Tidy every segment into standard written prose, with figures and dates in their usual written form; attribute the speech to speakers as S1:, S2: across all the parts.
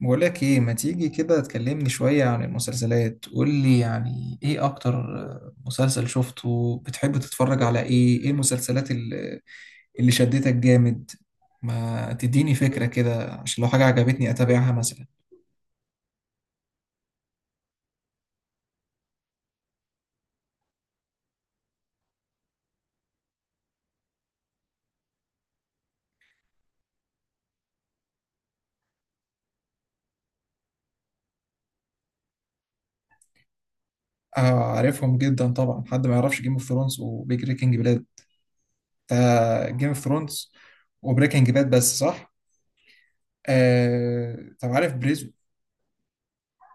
S1: بقولك ايه، ما تيجي كده تكلمني شوية عن المسلسلات؟ قولي يعني ايه اكتر مسلسل شفته، بتحب تتفرج على ايه؟ ايه المسلسلات اللي شدتك جامد؟ ما تديني فكرة كده، عشان لو حاجة عجبتني اتابعها مثلا. آه، عارفهم جدا طبعا. حد ما يعرفش جيم اوف ثرونز وبريكنج باد؟ ده جيم اوف ثرونز وبريكنج باد، بس صح؟ آه طب عارف بريز.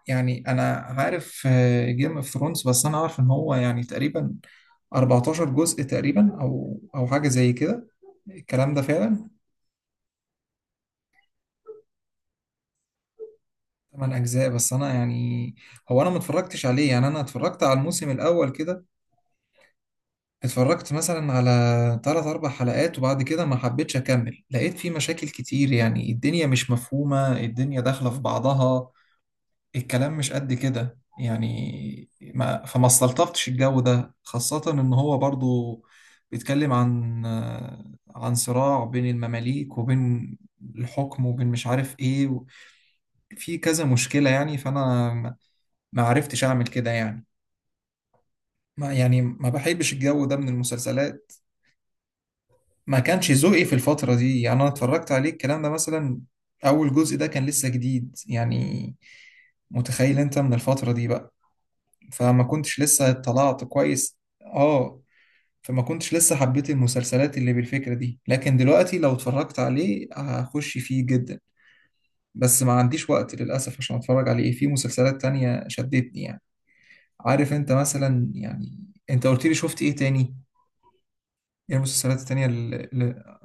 S1: يعني انا عارف جيم اوف ثرونز، بس انا عارف ان هو يعني تقريبا 14 جزء تقريبا او حاجه زي كده الكلام ده فعلا. 8 اجزاء، بس انا يعني هو انا ما اتفرجتش عليه يعني. انا اتفرجت على الموسم الاول كده، اتفرجت مثلا على 3 4 حلقات، وبعد كده ما حبيتش اكمل. لقيت فيه مشاكل كتير يعني، الدنيا مش مفهومه، الدنيا داخله في بعضها، الكلام مش قد كده يعني. ما فما استلطفتش الجو ده، خاصة إن هو برضو بيتكلم عن عن صراع بين المماليك وبين الحكم وبين مش عارف إيه في كذا مشكلة يعني. فأنا ما عرفتش أعمل كده يعني. ما يعني ما بحبش الجو ده من المسلسلات. ما كانش ذوقي في الفترة دي يعني، أنا اتفرجت عليه الكلام ده مثلا. أول جزء ده كان لسه جديد يعني. متخيل أنت من الفترة دي بقى. فما كنتش لسه طلعت كويس، اه. فما كنتش لسه حبيت المسلسلات اللي بالفكرة دي، لكن دلوقتي لو اتفرجت عليه هخش فيه جدا، بس ما عنديش وقت للأسف عشان اتفرج عليه. في مسلسلات تانية شدتني يعني. عارف انت مثلا يعني، انت قلت لي شفت ايه تاني؟ ايه المسلسلات التانية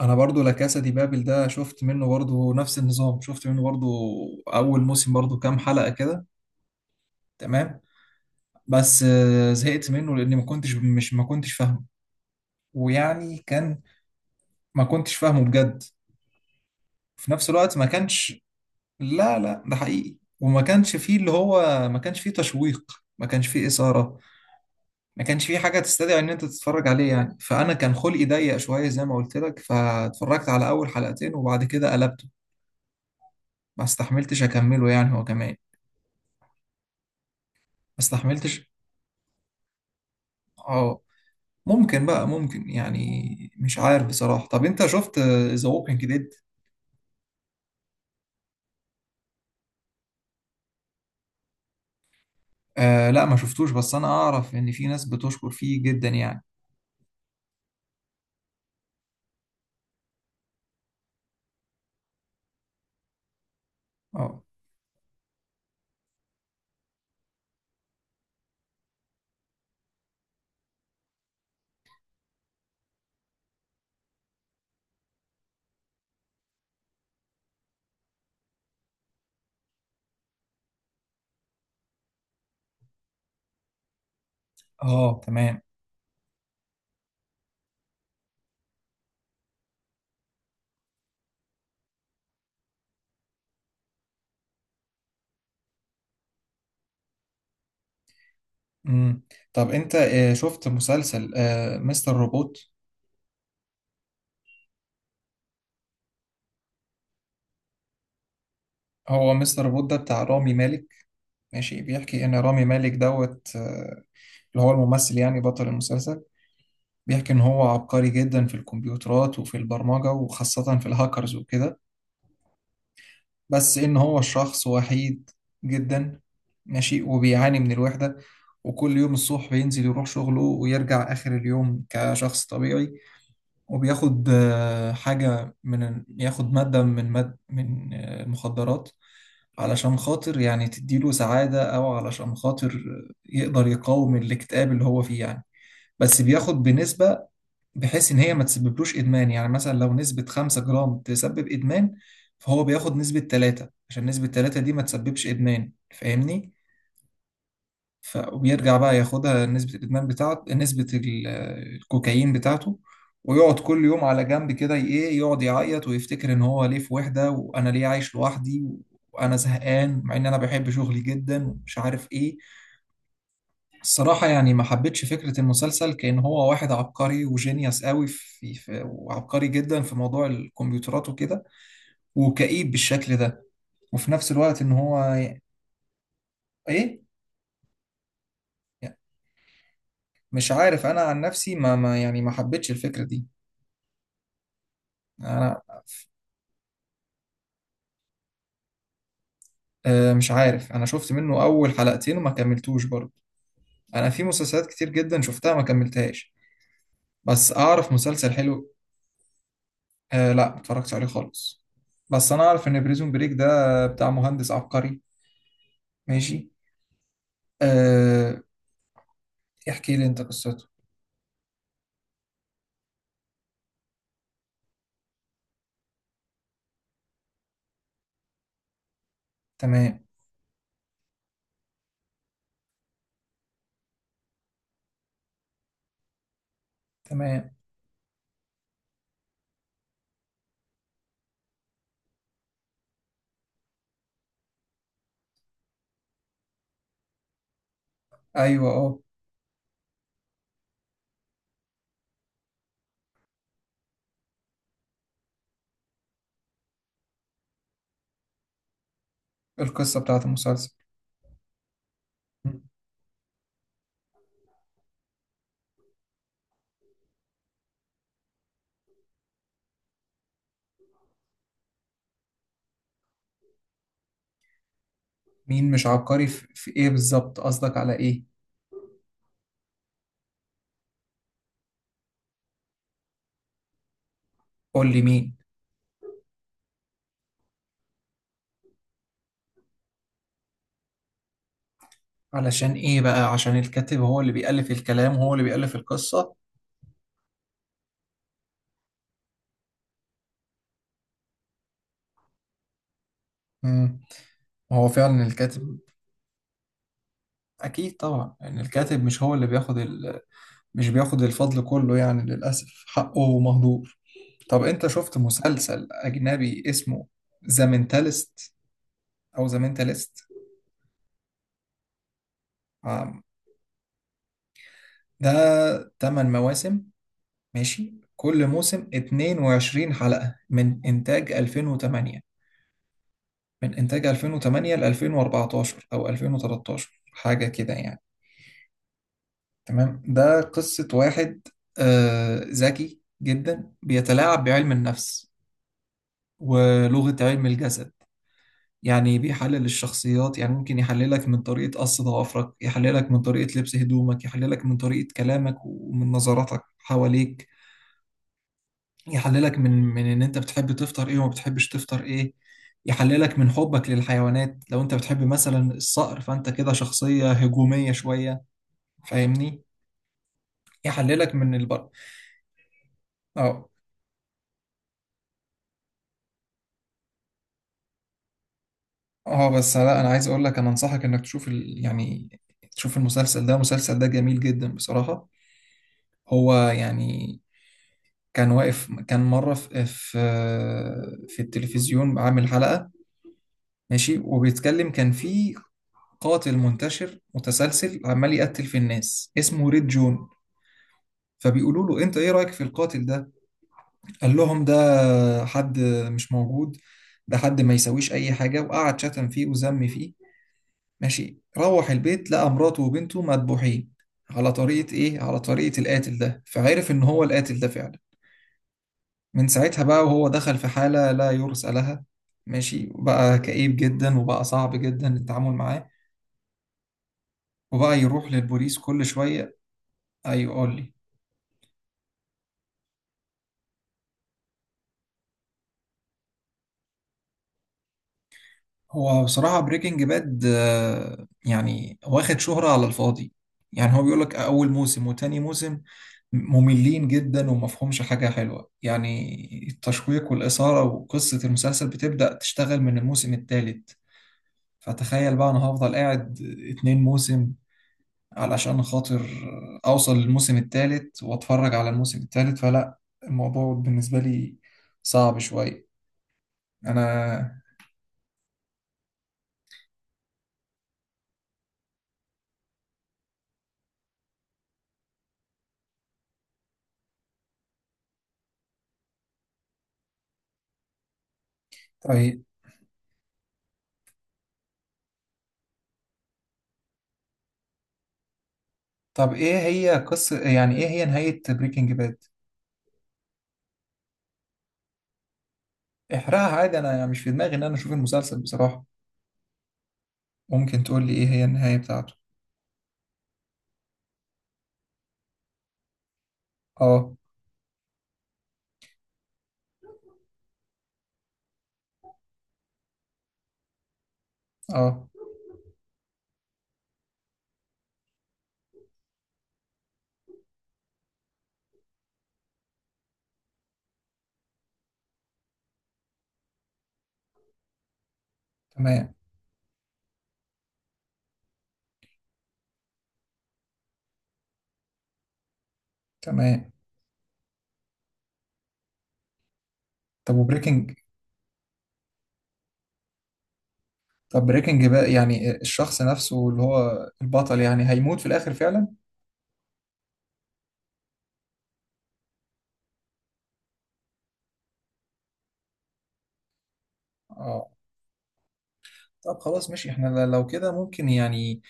S1: انا برضو لا كاسا دي بابل ده، شفت منه برضو نفس النظام، شفت منه برضو اول موسم، برضو كام حلقة كده. تمام، بس زهقت منه لاني ما كنتش فاهمه. ويعني كان ما كنتش فاهمه بجد. في نفس الوقت ما كانش، لا لا ده حقيقي. وما كانش فيه اللي هو، ما كانش فيه تشويق، ما كانش فيه إثارة، ما كانش فيه حاجة تستدعي إن أنت تتفرج عليه يعني. فأنا كان خلقي ضيق شوية زي ما قلت لك، فاتفرجت على أول حلقتين وبعد كده قلبته. ما استحملتش أكمله يعني، هو كمان ما استحملتش. اه. ممكن بقى، ممكن يعني، مش عارف بصراحة. طب أنت شفت ذا ووكينج ديد؟ آه لا ما شفتوش، بس أنا أعرف إن في ناس بتشكر فيه جدا يعني. اه. اه، تمام. مم. طب انت شفت مسلسل مستر روبوت؟ هو مستر روبوت ده بتاع رامي مالك، ماشي. بيحكي ان رامي مالك دوت اللي هو الممثل، يعني بطل المسلسل. بيحكي ان هو عبقري جدا في الكمبيوترات وفي البرمجة، وخاصة في الهاكرز وكده. بس ان هو شخص وحيد جدا، ماشي. وبيعاني من الوحدة. وكل يوم الصبح بينزل يروح شغله ويرجع آخر اليوم كشخص طبيعي. وبياخد حاجة من ياخد مادة من ماد من آه، مخدرات، علشان خاطر يعني تديله سعادة، أو علشان خاطر يقدر يقاوم الاكتئاب اللي هو فيه يعني. بس بياخد بنسبة بحيث إن هي ما تسببلوش إدمان. يعني مثلا لو نسبة خمسة جرام تسبب إدمان، فهو بياخد نسبة تلاتة، عشان نسبة تلاتة دي ما تسببش إدمان. فاهمني؟ ويرجع بقى ياخدها نسبة الإدمان بتاعت الكوكايين بتاعته. ويقعد كل يوم على جنب كده إيه، يقعد يعيط ويفتكر إن هو ليه في وحدة، وأنا ليه عايش لوحدي، وأنا زهقان مع إن أنا بحب شغلي جدا، ومش عارف إيه. الصراحة يعني ما حبيتش فكرة المسلسل، كأن هو واحد عبقري وجينيوس قوي في... وعبقري جدا في موضوع الكمبيوترات وكده، وكئيب بالشكل ده. وفي نفس الوقت إن هو إيه. يعني مش عارف أنا عن نفسي ما يعني ما حبيتش الفكرة دي انا. مش عارف، انا شفت منه اول حلقتين وما كملتوش برضه. انا في مسلسلات كتير جدا شفتها ما كملتهاش، بس اعرف مسلسل حلو. آه لا ما اتفرجتش عليه خالص، بس انا اعرف ان بريزون بريك ده بتاع مهندس عبقري، ماشي. آه. احكي لي انت قصته. تمام. تمام. ايوه اه. القصة بتاعت المسلسل. مين مش عبقري في ايه بالظبط؟ قصدك على ايه؟ قول لي مين. علشان ايه بقى؟ عشان الكاتب هو اللي بيألف الكلام، وهو اللي بيألف القصة. هو فعلا الكاتب. اكيد طبعا، يعني الكاتب مش هو اللي بياخد مش بياخد الفضل كله يعني، للاسف حقه مهدور. طب انت شفت مسلسل اجنبي اسمه ذا مينتالست، او ذا مينتالست؟ ده 8 مواسم، ماشي. كل موسم 22 حلقة، من انتاج 2008. ل 2014 او 2013 حاجة كده يعني. تمام. ده قصة واحد ذكي جدا، بيتلاعب بعلم النفس ولغة علم الجسد. يعني بيحلل الشخصيات. يعني ممكن يحللك من طريقة قص ضوافرك، يحللك من طريقة لبس هدومك، يحللك من طريقة كلامك ومن نظراتك حواليك، يحللك من ان انت بتحب تفطر ايه وما بتحبش تفطر ايه، يحللك من حبك للحيوانات. لو انت بتحب مثلا الصقر، فانت كده شخصية هجومية شوية، فاهمني؟ يحللك من البر. اه. اه، بس لا، انا عايز اقول لك، انا انصحك انك تشوف يعني تشوف المسلسل ده. المسلسل ده جميل جدا بصراحة. هو يعني كان واقف، كان مرة في التلفزيون عامل حلقة، ماشي، وبيتكلم. كان في قاتل منتشر متسلسل عمال يقتل في الناس، اسمه ريد جون. فبيقولوا له انت ايه رأيك في القاتل ده؟ قال لهم ده حد مش موجود، ده حد ما يسويش اي حاجة. وقعد شتم فيه وذم فيه، ماشي. روح البيت لقى مراته وبنته مذبوحين، على طريقة إيه؟ على طريقة القاتل ده. فعرف إن هو القاتل ده فعلا. من ساعتها بقى وهو دخل في حالة لا يرثى لها، ماشي. وبقى كئيب جدا، وبقى صعب جدا التعامل معاه، وبقى يروح للبوليس كل شوية. أيوه قول لي. هو بصراحة بريكنج باد يعني واخد شهرة على الفاضي. يعني هو بيقولك أول موسم وتاني موسم مملين جدا، ومفهومش حاجة حلوة يعني. التشويق والإثارة وقصة المسلسل بتبدأ تشتغل من الموسم التالت. فتخيل بقى أنا هفضل قاعد اتنين موسم علشان خاطر أوصل للموسم التالت وأتفرج على الموسم التالت. فلا، الموضوع بالنسبة لي صعب شوية، أنا. طيب. طب ايه هي قصة، يعني ايه هي نهاية بريكنج باد؟ احرقها عادي، انا يعني مش في دماغي ان انا اشوف المسلسل بصراحة. ممكن تقول لي ايه هي النهاية بتاعته؟ اه. اه، تمام. تمام. طب وبريكنج طب بريكنج باد يعني الشخص نفسه اللي هو البطل، يعني هيموت في الاخر فعلا؟ اه. طب خلاص ماشي. احنا لو كده ممكن يعني،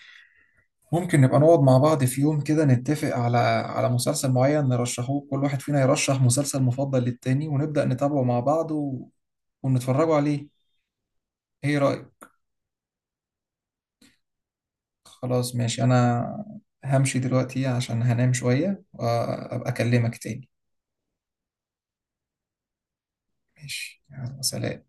S1: ممكن نبقى نقعد مع بعض في يوم كده، نتفق على مسلسل معين نرشحوه. كل واحد فينا يرشح مسلسل مفضل للتاني، ونبدأ نتابعه مع بعض، ونتفرجوا عليه. ايه رأيك؟ خلاص ماشي، انا همشي دلوقتي عشان هنام شوية، وابقى اكلمك تاني. ماشي، يلا سلام.